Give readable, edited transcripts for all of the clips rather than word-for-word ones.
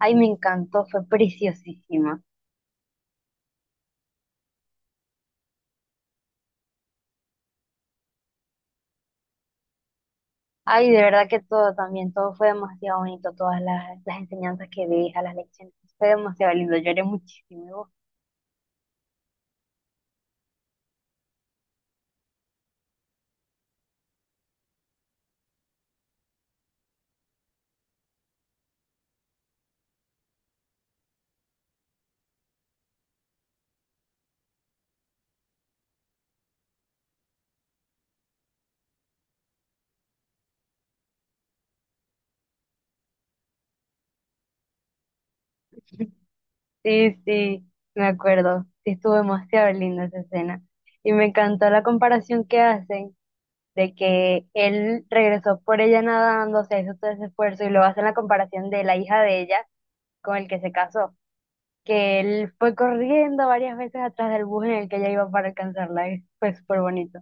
Ay, me encantó, fue preciosísima. Ay, de verdad que todo también, todo fue demasiado bonito, todas las enseñanzas que deja, las lecciones, fue demasiado lindo, lloré muchísimo. ¿Y vos? Sí, sí, me acuerdo, sí estuvo demasiado linda esa escena. Y me encantó la comparación que hacen de que él regresó por ella nadando, se hizo todo ese esfuerzo y luego hacen la comparación de la hija de ella con el que se casó, que él fue corriendo varias veces atrás del bus en el que ella iba para alcanzarla, y fue súper bonito.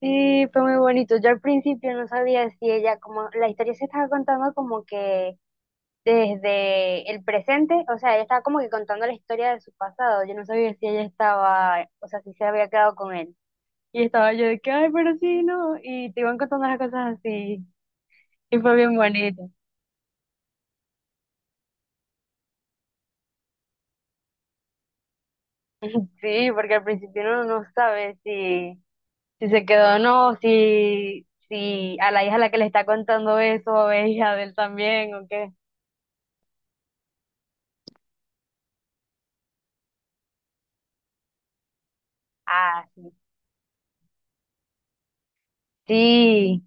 Sí, fue muy bonito. Yo al principio no sabía si ella, como la historia se estaba contando como que desde el presente, o sea, ella estaba como que contando la historia de su pasado. Yo no sabía si ella estaba, o sea, si se había quedado con él. Y estaba yo de que, ay, pero sí, no. Y te iban contando las cosas así. Y fue bien bonito. Sí, porque al principio uno no sabe si, si se quedó o no, si, si a la hija a la que le está contando eso es hija de él también o qué. Ah, sí. Sí.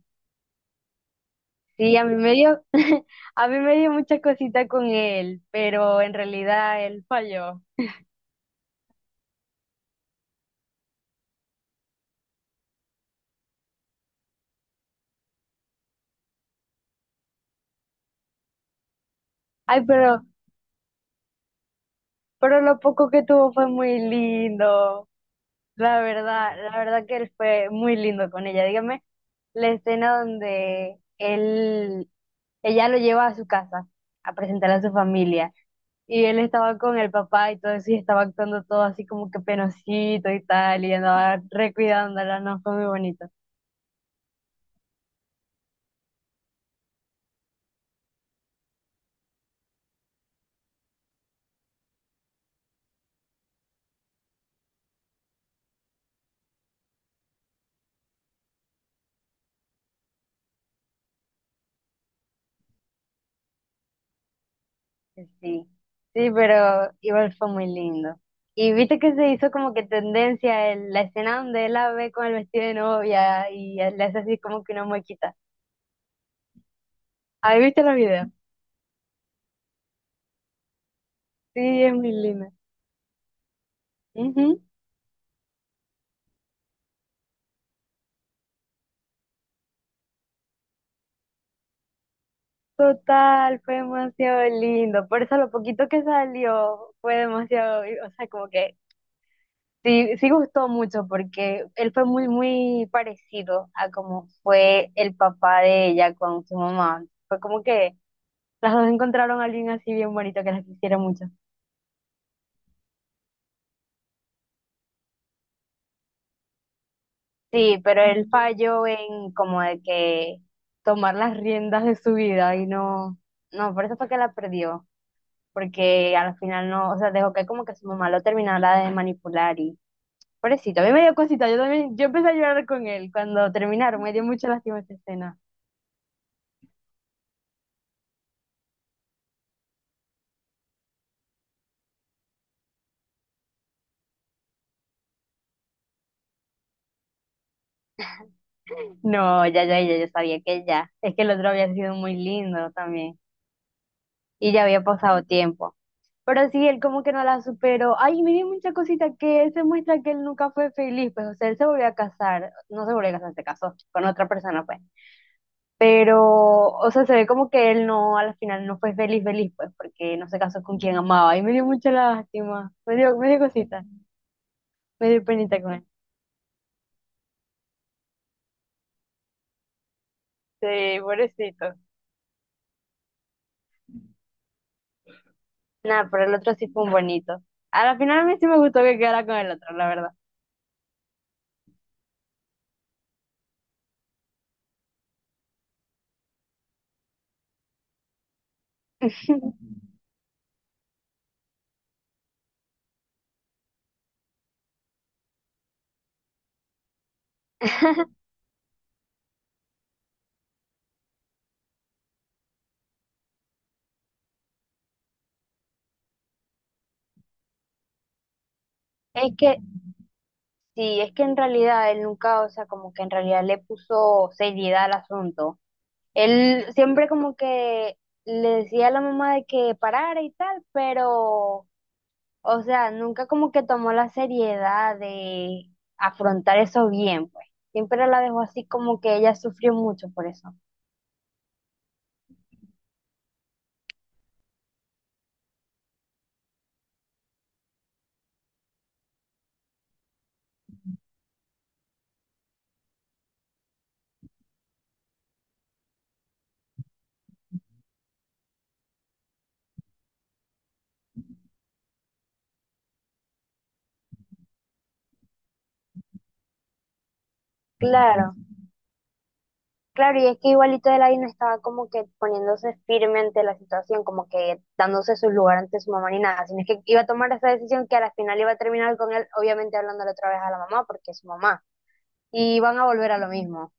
Sí, a mí me dio, a mí me dio mucha cosita con él, pero en realidad él falló. Ay, pero lo poco que tuvo fue muy lindo. La verdad que él fue muy lindo con ella. Dígame, la escena donde él, ella lo lleva a su casa a presentar a su familia y él estaba con el papá y todo eso y estaba actuando todo así como que penosito y tal y andaba recuidándola, no, fue muy bonito. Sí, sí, sí, pero igual fue muy lindo. Y viste que se hizo como que tendencia la escena donde él la ve con el vestido de novia y le hace así como que una muequita. ¿Ahí viste los videos? Sí, es muy lindo. Ujú. Total, fue demasiado lindo. Por eso lo poquito que salió fue demasiado, o sea, como que sí, sí gustó mucho porque él fue muy, muy parecido a como fue el papá de ella con su mamá. Fue como que las dos encontraron a alguien así bien bonito que las quisiera mucho. Sí, pero él falló en como de que tomar las riendas de su vida y no, no, por eso fue que la perdió, porque al final no, o sea, dejó que como que su mamá lo terminara de manipular y pobrecito, a mí me dio cosita, yo también, yo empecé a llorar con él cuando terminaron, me dio mucha lástima esa escena. No, ya, ya, ya, yo sabía que ya. Es que el otro había sido muy lindo también y ya había pasado tiempo. Pero sí, él como que no la superó. Ay, me dio mucha cosita que él se muestra que él nunca fue feliz, pues, o sea, él se volvió a casar, no se volvió a casar, se casó con otra persona, pues. Pero, o sea, se ve como que él no, al final no fue feliz, feliz, pues, porque no se casó con quien amaba. Y me dio mucha lástima, me dio cosita, me dio penita con él. Sí, pobrecito. Nada, pero el otro sí fue un bonito. A la final a mí sí me gustó que quedara con el otro, la verdad. Es que, sí, es que en realidad él nunca, o sea, como que en realidad le puso seriedad al asunto. Él siempre como que le decía a la mamá de que parara y tal, pero, o sea, nunca como que tomó la seriedad de afrontar eso bien, pues. Siempre la dejó así como que ella sufrió mucho por eso. Claro, claro, y es que igualito Elaine estaba como que poniéndose firme ante la situación, como que dándose su lugar ante su mamá ni nada, sino es que iba a tomar esa decisión que a la final iba a terminar con él, obviamente hablándole otra vez a la mamá, porque es su mamá, y van a volver a lo mismo.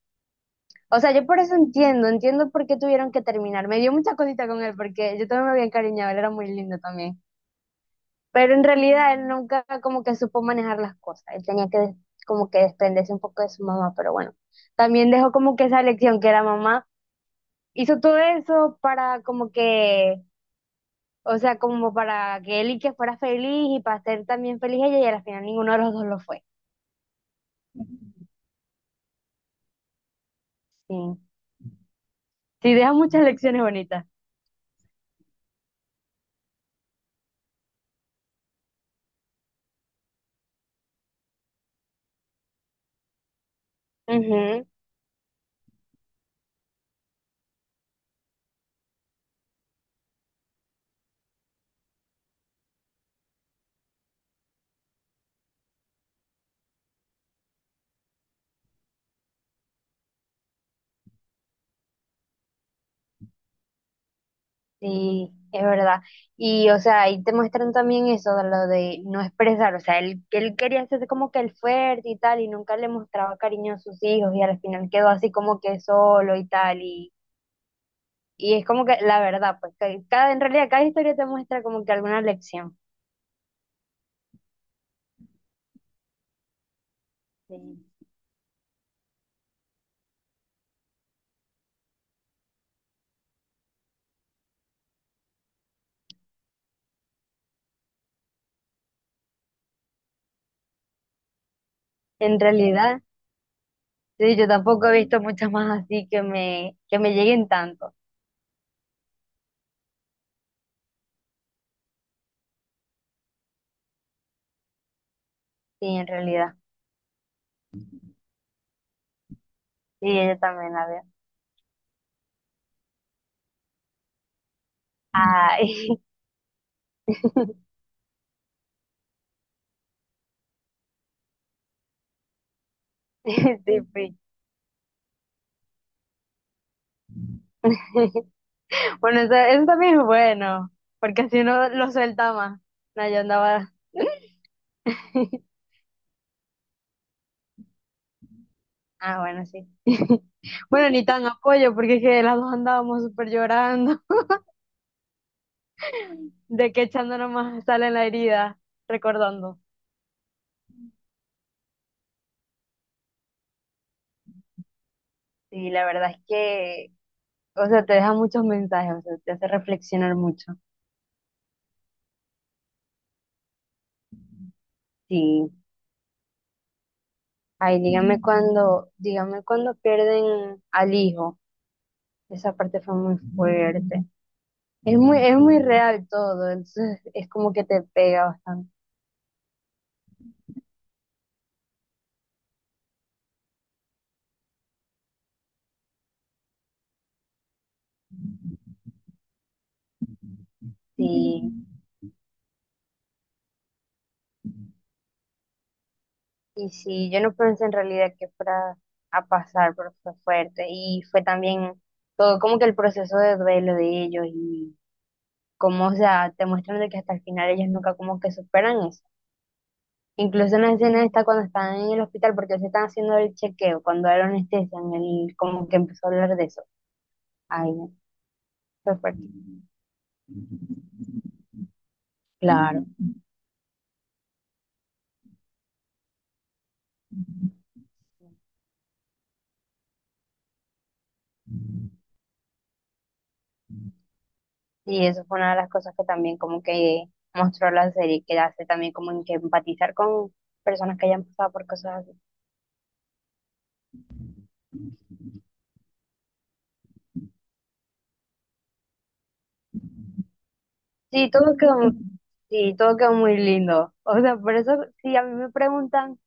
O sea, yo por eso entiendo, entiendo por qué tuvieron que terminar. Me dio mucha cosita con él porque yo también me había encariñado, él era muy lindo también. Pero en realidad él nunca como que supo manejar las cosas. Él tenía que como que desprenderse un poco de su mamá, pero bueno. También dejó como que esa lección que la mamá hizo todo eso para como que, o sea, como para que él y que fuera feliz y para ser también feliz ella y al final ninguno de los dos lo fue. Sí. Sí, deja muchas lecciones bonitas. Sí, es verdad. Y, o sea, ahí te muestran también eso de lo de no expresar. O sea, él, que él quería hacerse como que el fuerte y tal, y nunca le mostraba cariño a sus hijos, y al final quedó así como que solo y tal. Y es como que la verdad, pues, que cada, en realidad, cada historia te muestra como que alguna lección. Sí. En realidad, sí, yo tampoco he visto muchas más así que me lleguen tanto. Sí, en realidad. Sí, yo también la veo. Ay, sí, sí. Bueno, eso también es bueno, porque así uno lo suelta más. No, yo andaba. Ah, bueno, sí. Bueno, ni tan apoyo, porque es que las dos andábamos súper llorando, de que echándonos más sal en la herida, recordando. Sí, la verdad es que, o sea, te deja muchos mensajes, o sea, te hace reflexionar mucho. Sí. Ay, dígame cuando pierden al hijo. Esa parte fue muy fuerte. Es muy real todo, entonces es como que te pega bastante. Sí, y sí, yo no pensé en realidad que fuera a pasar, pero fue fuerte. Y fue también todo como que el proceso de duelo de ellos y cómo, o sea, te muestran de que hasta el final ellos nunca como que superan eso. Incluso en la escena esta cuando están en el hospital, porque se están haciendo el chequeo, cuando era anestesia, él como que empezó a hablar de eso. Ay, no, fue fuerte. Claro. Y eso fue una de las cosas que también como que mostró la serie, que hace también como que empatizar con personas que hayan pasado por cosas así. Sí, todo quedó, sí, todo quedó muy lindo. O sea, por eso, si a mí me preguntan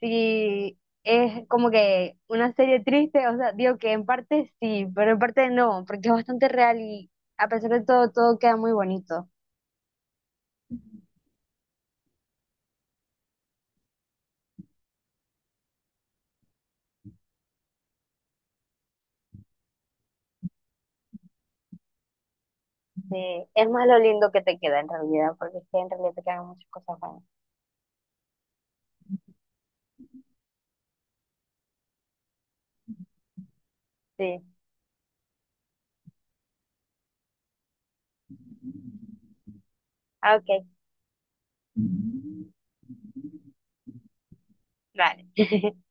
si es como que una serie triste, o sea, digo que en parte sí, pero en parte no, porque es bastante real y a pesar de todo, todo queda muy bonito. Sí, es más lo lindo que te queda en realidad, porque es que en realidad te quedan muchas cosas buenas. Sí, ah, ok, vale.